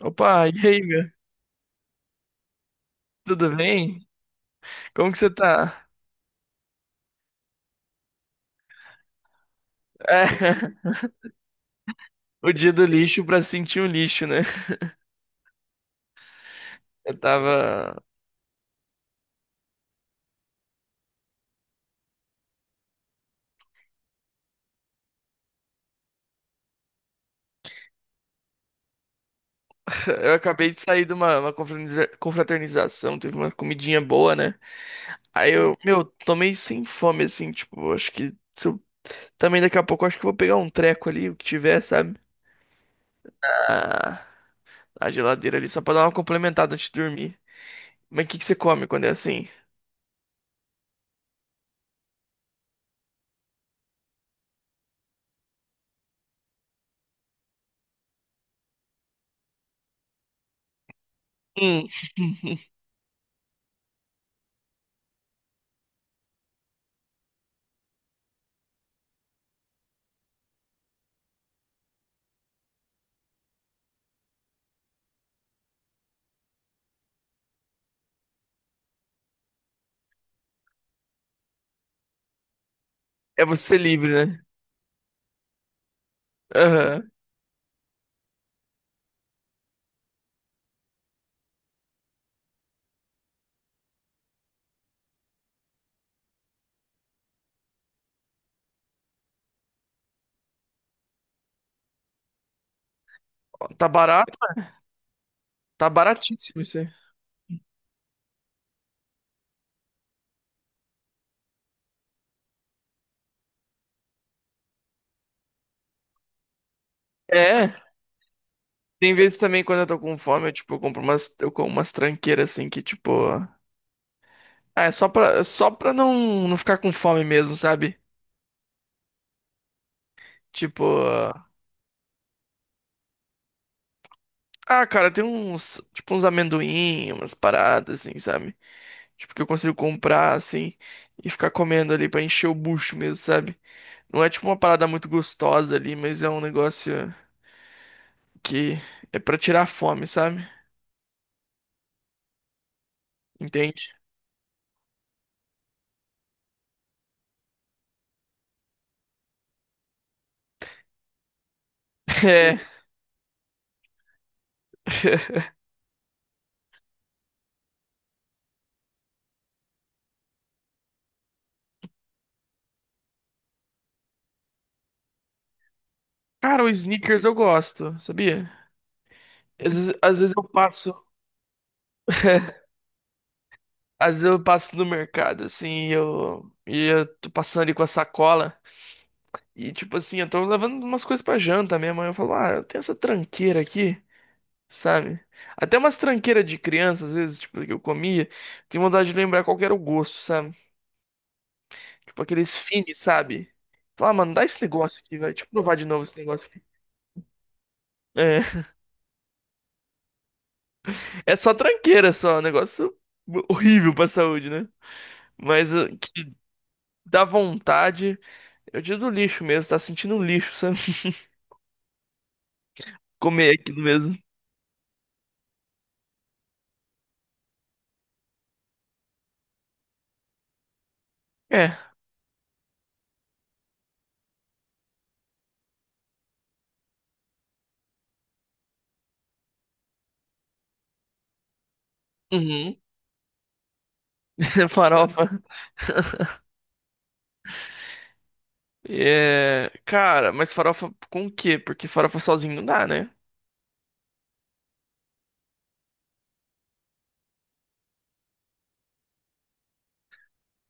Opa, e aí, meu? Tudo bem? Como que você tá? É, o dia do lixo pra sentir o lixo, né? Eu tava. Eu acabei de sair de uma confraternização, teve uma comidinha boa, né? Aí eu, meu, tomei sem fome, assim, tipo, acho que. Se eu- Também daqui a pouco eu acho que eu vou pegar um treco ali, o que tiver, sabe? A, a geladeira ali, só pra dar uma complementada antes de dormir. Mas o que que você come quando é assim? Hum, é você livre, né? Aham. Tá barato? Tá baratíssimo isso aí. É, tem vezes também quando eu tô com fome, eu, tipo, eu compro umas, eu como umas tranqueiras assim que, tipo, ah, é só pra não ficar com fome mesmo, sabe? Tipo, ah, cara, tem uns, tipo, uns amendoim, umas paradas assim, sabe? Tipo, que eu consigo comprar assim e ficar comendo ali pra encher o bucho mesmo, sabe? Não é tipo uma parada muito gostosa ali, mas é um negócio que é pra tirar a fome, sabe? Entende? É. Cara, o Snickers eu gosto, sabia? Às vezes eu passo, às vezes eu passo no mercado, assim, e eu tô passando ali com a sacola, e tipo assim, eu tô levando umas coisas pra janta mesmo, aí eu falo, ah, eu tenho essa tranqueira aqui, sabe? Até umas tranqueiras de criança, às vezes, tipo, que eu comia, tenho vontade de lembrar qual que era o gosto, sabe? Tipo, aqueles fini, sabe? Falar, ah, mano, dá esse negócio aqui, vai, deixa eu provar de novo esse negócio aqui. É, é só tranqueira, só, é um negócio horrível pra saúde, né? Mas que dá vontade. Eu digo do lixo mesmo, tá sentindo um lixo, sabe? Comer aquilo mesmo. É. Uhum. Farofa. É. Cara, mas farofa com o quê? Porque farofa sozinho não dá, né?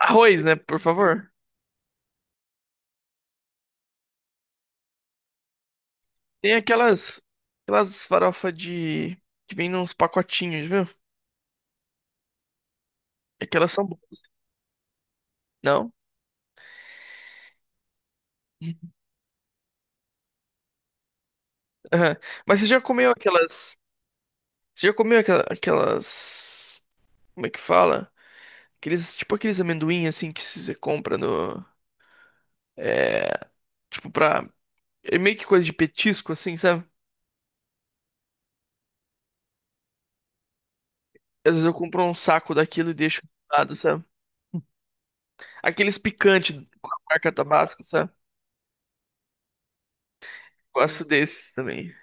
Arroz, né? Por favor. Tem aquelas. Aquelas farofa de. Que vem nos pacotinhos, viu? Aquelas são boas. Não? Aham. Mas você já comeu aquelas. Você já comeu aquela- aquelas. Como é que fala? Aqueles. Tipo aqueles amendoim assim que você compra no. É, tipo, pra é meio que coisa de petisco, assim, sabe? Às vezes eu compro um saco daquilo e deixo do lado, sabe? Aqueles picantes com a marca Tabasco, sabe? Gosto desses também.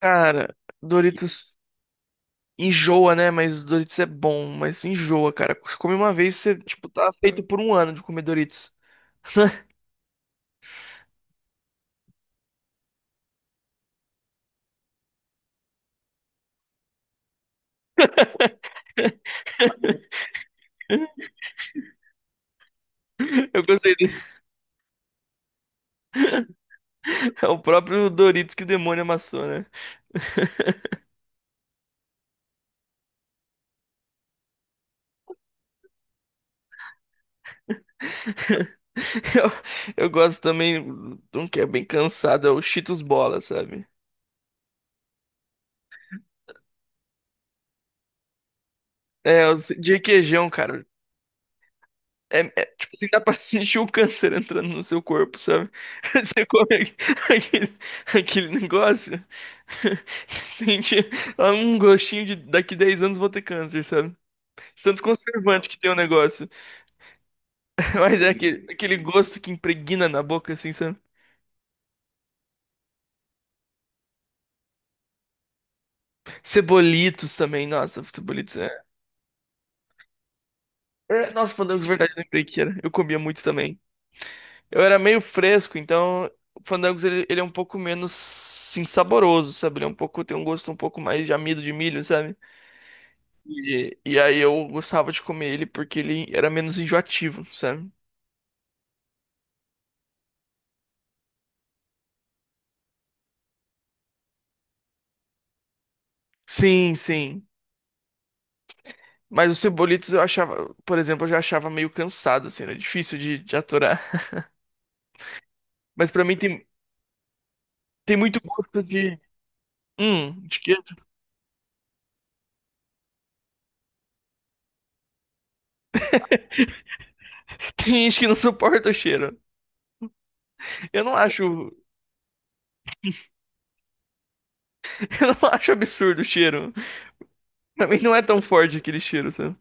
Cara, Doritos enjoa, né? Mas Doritos é bom, mas enjoa, cara. Você come uma vez, você, tipo, tá feito por um ano de comer Doritos. Eu gostei dele. É o próprio Doritos que o demônio amassou, né? Eu, eu gosto também de um que é bem cansado, é o Cheetos Bola, sabe? É, os de requeijão, cara. Tipo assim, dá pra sentir o câncer entrando no seu corpo, sabe? Você come aquele, aquele negócio, você sente ah, um gostinho de daqui 10 anos vou ter câncer, sabe? De tanto conservante que tem o negócio. Mas é aquele, aquele gosto que impregna na boca, assim, sabe? Cebolitos também, nossa, cebolitos é. É, nossa, fandangos de verdade, lembrei que era. Eu comia muito também. Eu era meio fresco, então o Fandangos ele é um pouco menos sim saboroso, sabe? Ele é um pouco tem um gosto um pouco mais de amido de milho, sabe? E aí eu gostava de comer ele porque ele era menos enjoativo, sabe? Sim, sim. Mas os cebolitos eu achava, por exemplo, eu já achava meio cansado, assim, era difícil de aturar. Mas pra mim tem, tem muito gosto de. De que tem gente que não suporta o cheiro. Eu não acho, eu não acho absurdo o cheiro. Pra mim não é tão forte aquele cheiro, sabe?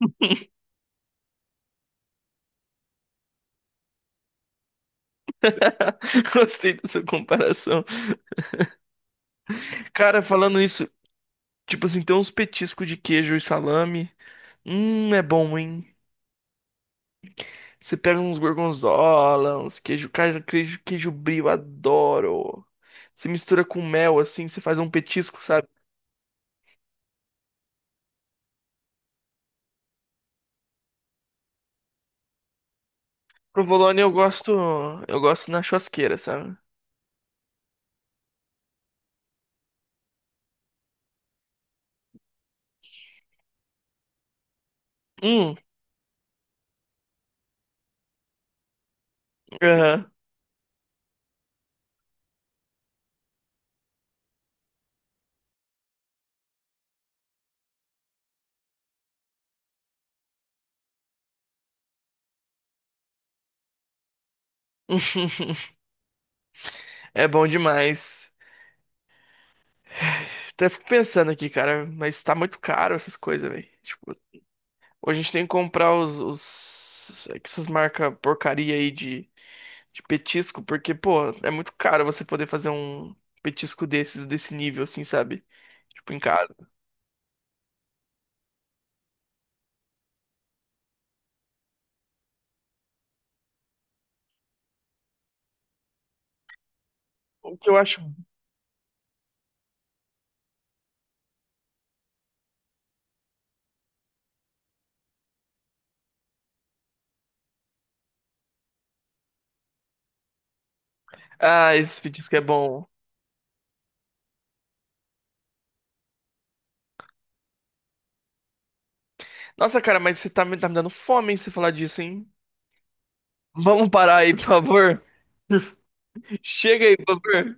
Gostei da sua comparação. Cara, falando isso, tipo assim, tem uns petiscos de queijo e salame. É bom, hein? Você pega uns gorgonzola, uns queijo, cara, queijo, queijo brie, eu adoro. Você mistura com mel, assim, você faz um petisco, sabe? Provolone eu gosto na churrasqueira, sabe? Hum, aham. É bom demais. Até fico pensando aqui, cara, mas tá muito caro essas coisas, velho. Tipo, ou a gente tem que comprar os- essas marcas porcaria aí de petisco, porque, pô, é muito caro você poder fazer um petisco desses, desse nível, assim, sabe? Tipo, em casa. O que eu acho. Ah, esse petisco é bom. Nossa, cara, mas você tá me dando fome, hein, você falar disso, hein? Vamos parar aí, por favor. Chega aí, por favor.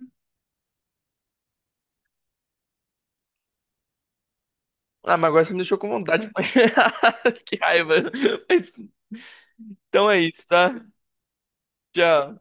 Ah, mas agora você me deixou com vontade. Que raiva. Mas, então é isso, tá? Tchau.